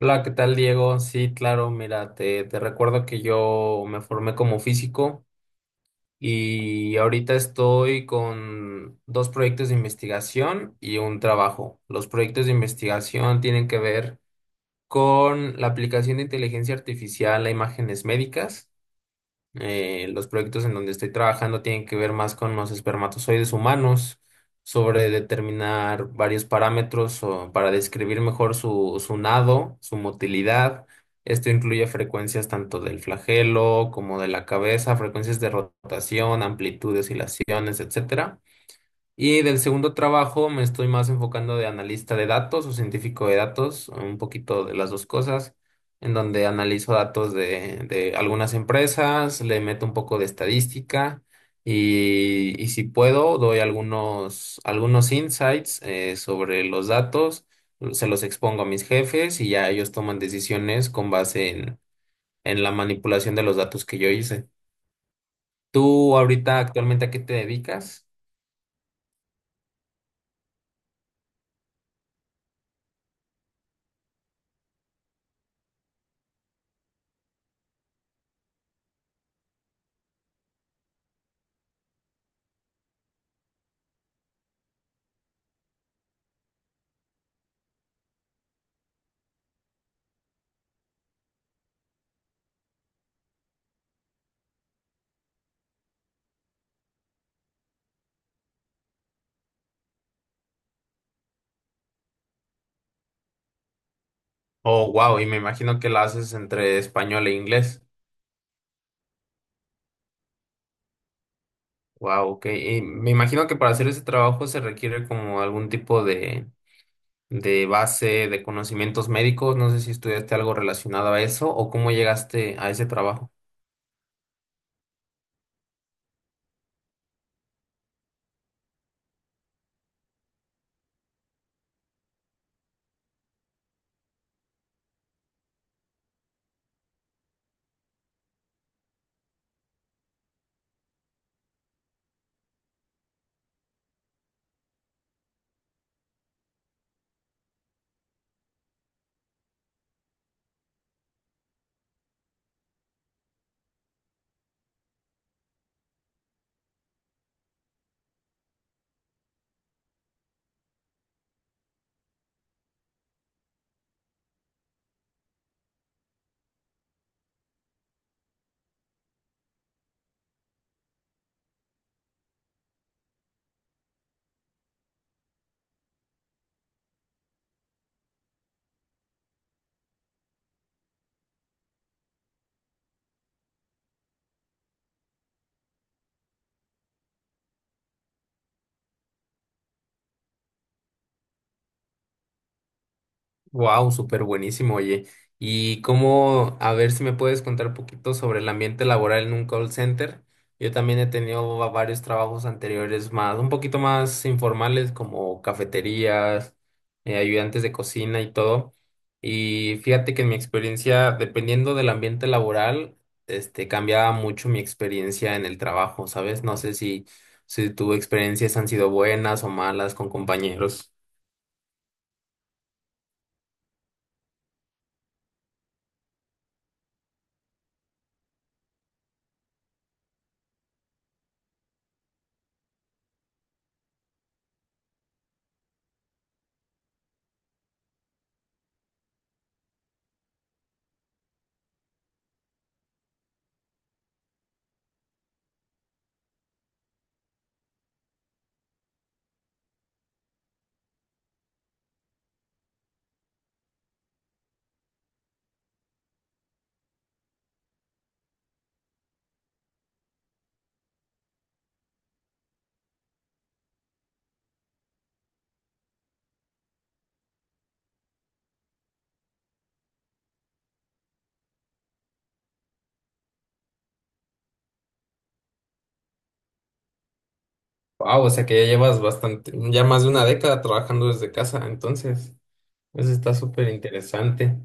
Hola, ¿qué tal, Diego? Sí, claro, mira, te recuerdo que yo me formé como físico y ahorita estoy con dos proyectos de investigación y un trabajo. Los proyectos de investigación tienen que ver con la aplicación de inteligencia artificial a imágenes médicas. Los proyectos en donde estoy trabajando tienen que ver más con los espermatozoides humanos, sobre determinar varios parámetros o para describir mejor su nado, su motilidad. Esto incluye frecuencias tanto del flagelo como de la cabeza, frecuencias de rotación, amplitud, oscilaciones, etcétera. Y del segundo trabajo me estoy más enfocando de analista de datos o científico de datos, un poquito de las dos cosas, en donde analizo datos de algunas empresas, le meto un poco de estadística y si puedo doy algunos insights sobre los datos, se los expongo a mis jefes y ya ellos toman decisiones con base en la manipulación de los datos que yo hice. ¿Tú ahorita actualmente a qué te dedicas? Oh, wow, y me imagino que la haces entre español e inglés. Wow, ok. Y me imagino que para hacer ese trabajo se requiere como algún tipo de base de conocimientos médicos. No sé si estudiaste algo relacionado a eso o cómo llegaste a ese trabajo. Wow, súper buenísimo, oye. Y cómo, a ver si me puedes contar un poquito sobre el ambiente laboral en un call center. Yo también he tenido varios trabajos anteriores más, un poquito más informales, como cafeterías, ayudantes de cocina y todo. Y fíjate que en mi experiencia, dependiendo del ambiente laboral, este, cambiaba mucho mi experiencia en el trabajo, ¿sabes? No sé si tus experiencias han sido buenas o malas con compañeros. Wow, o sea que ya llevas bastante, ya más de una década trabajando desde casa, entonces, eso está súper interesante.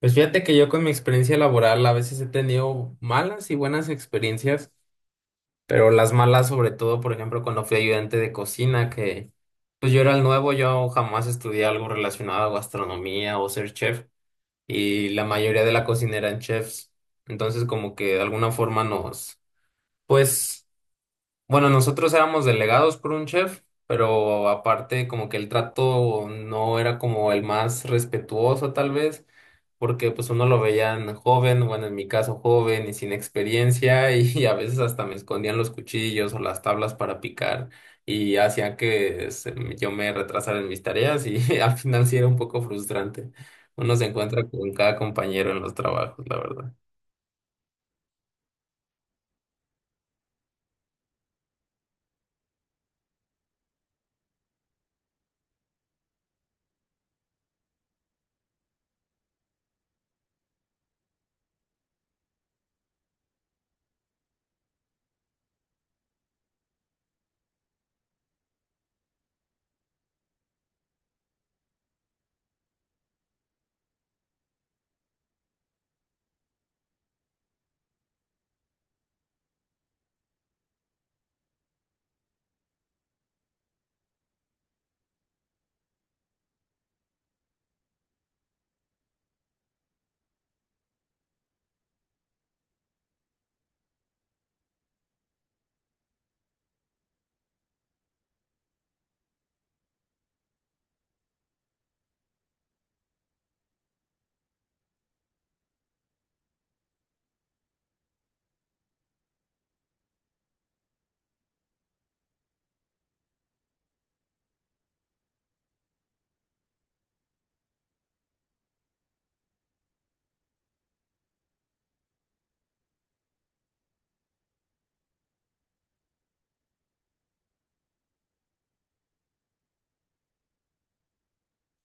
Pues fíjate que yo con mi experiencia laboral a veces he tenido malas y buenas experiencias, pero las malas sobre todo, por ejemplo, cuando fui ayudante de cocina, que pues yo era el nuevo, yo jamás estudié algo relacionado a gastronomía o ser chef, y la mayoría de la cocina eran chefs, entonces como que de alguna forma pues bueno, nosotros éramos delegados por un chef, pero aparte como que el trato no era como el más respetuoso tal vez, porque pues uno lo veían joven, bueno, en mi caso joven y sin experiencia y, a veces hasta me escondían los cuchillos o las tablas para picar y hacían que yo me retrasara en mis tareas y al final sí era un poco frustrante. Uno se encuentra con cada compañero en los trabajos, la verdad.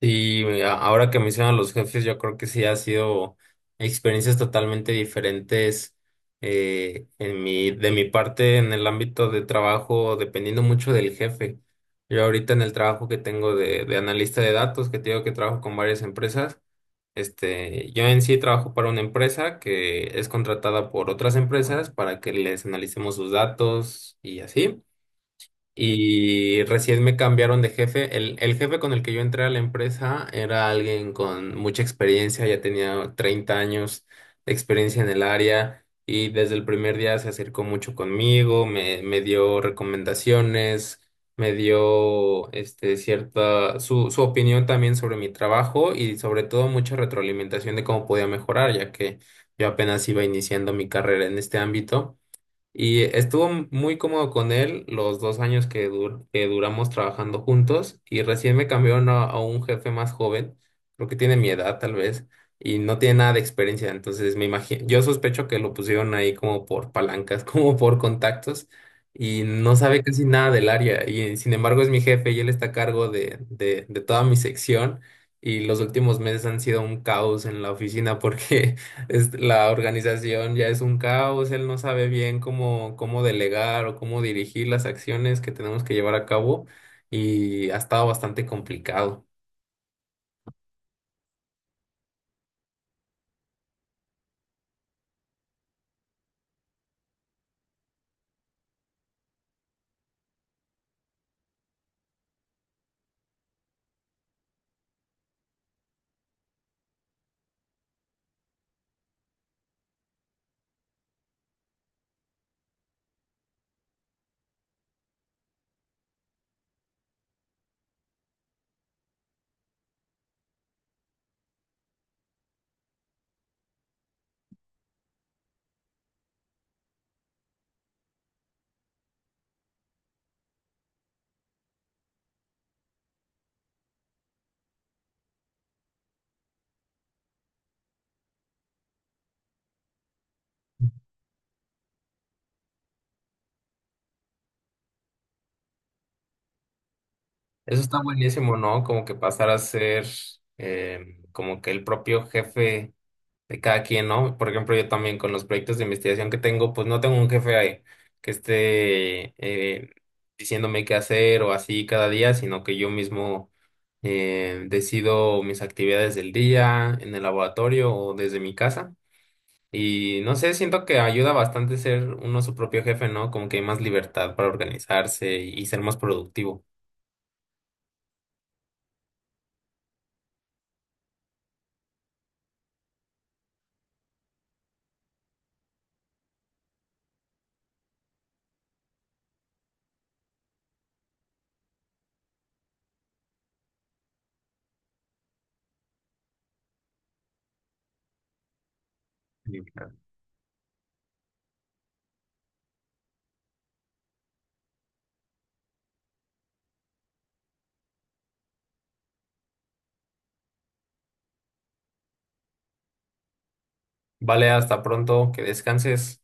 Sí, ahora que mencionan los jefes, yo creo que sí ha sido experiencias totalmente diferentes de mi parte en el ámbito de trabajo, dependiendo mucho del jefe. Yo ahorita en el trabajo que tengo de analista de datos, que te digo que trabajo con varias empresas, este, yo en sí trabajo para una empresa que es contratada por otras empresas para que les analicemos sus datos y así. Y recién me cambiaron de jefe. El jefe con el que yo entré a la empresa era alguien con mucha experiencia, ya tenía 30 años de experiencia en el área y desde el primer día se acercó mucho conmigo, me dio recomendaciones, me dio este, cierta su opinión también sobre mi trabajo y sobre todo mucha retroalimentación de cómo podía mejorar, ya que yo apenas iba iniciando mi carrera en este ámbito. Y estuvo muy cómodo con él los 2 años que duramos trabajando juntos y recién me cambiaron a un jefe más joven, creo que tiene mi edad tal vez, y no tiene nada de experiencia, entonces me imagino, yo sospecho que lo pusieron ahí como por palancas, como por contactos y no sabe casi nada del área y sin embargo es mi jefe y él está a cargo de toda mi sección. Y los últimos meses han sido un caos en la oficina porque la organización ya es un caos, él no sabe bien cómo delegar o cómo dirigir las acciones que tenemos que llevar a cabo y ha estado bastante complicado. Eso está buenísimo, ¿no? Como que pasar a ser como que el propio jefe de cada quien, ¿no? Por ejemplo, yo también con los proyectos de investigación que tengo, pues no tengo un jefe ahí que esté diciéndome qué hacer o así cada día, sino que yo mismo decido mis actividades del día en el laboratorio o desde mi casa. Y no sé, siento que ayuda bastante ser uno su propio jefe, ¿no? Como que hay más libertad para organizarse y ser más productivo. Sí, claro. Vale, hasta pronto, que descanses.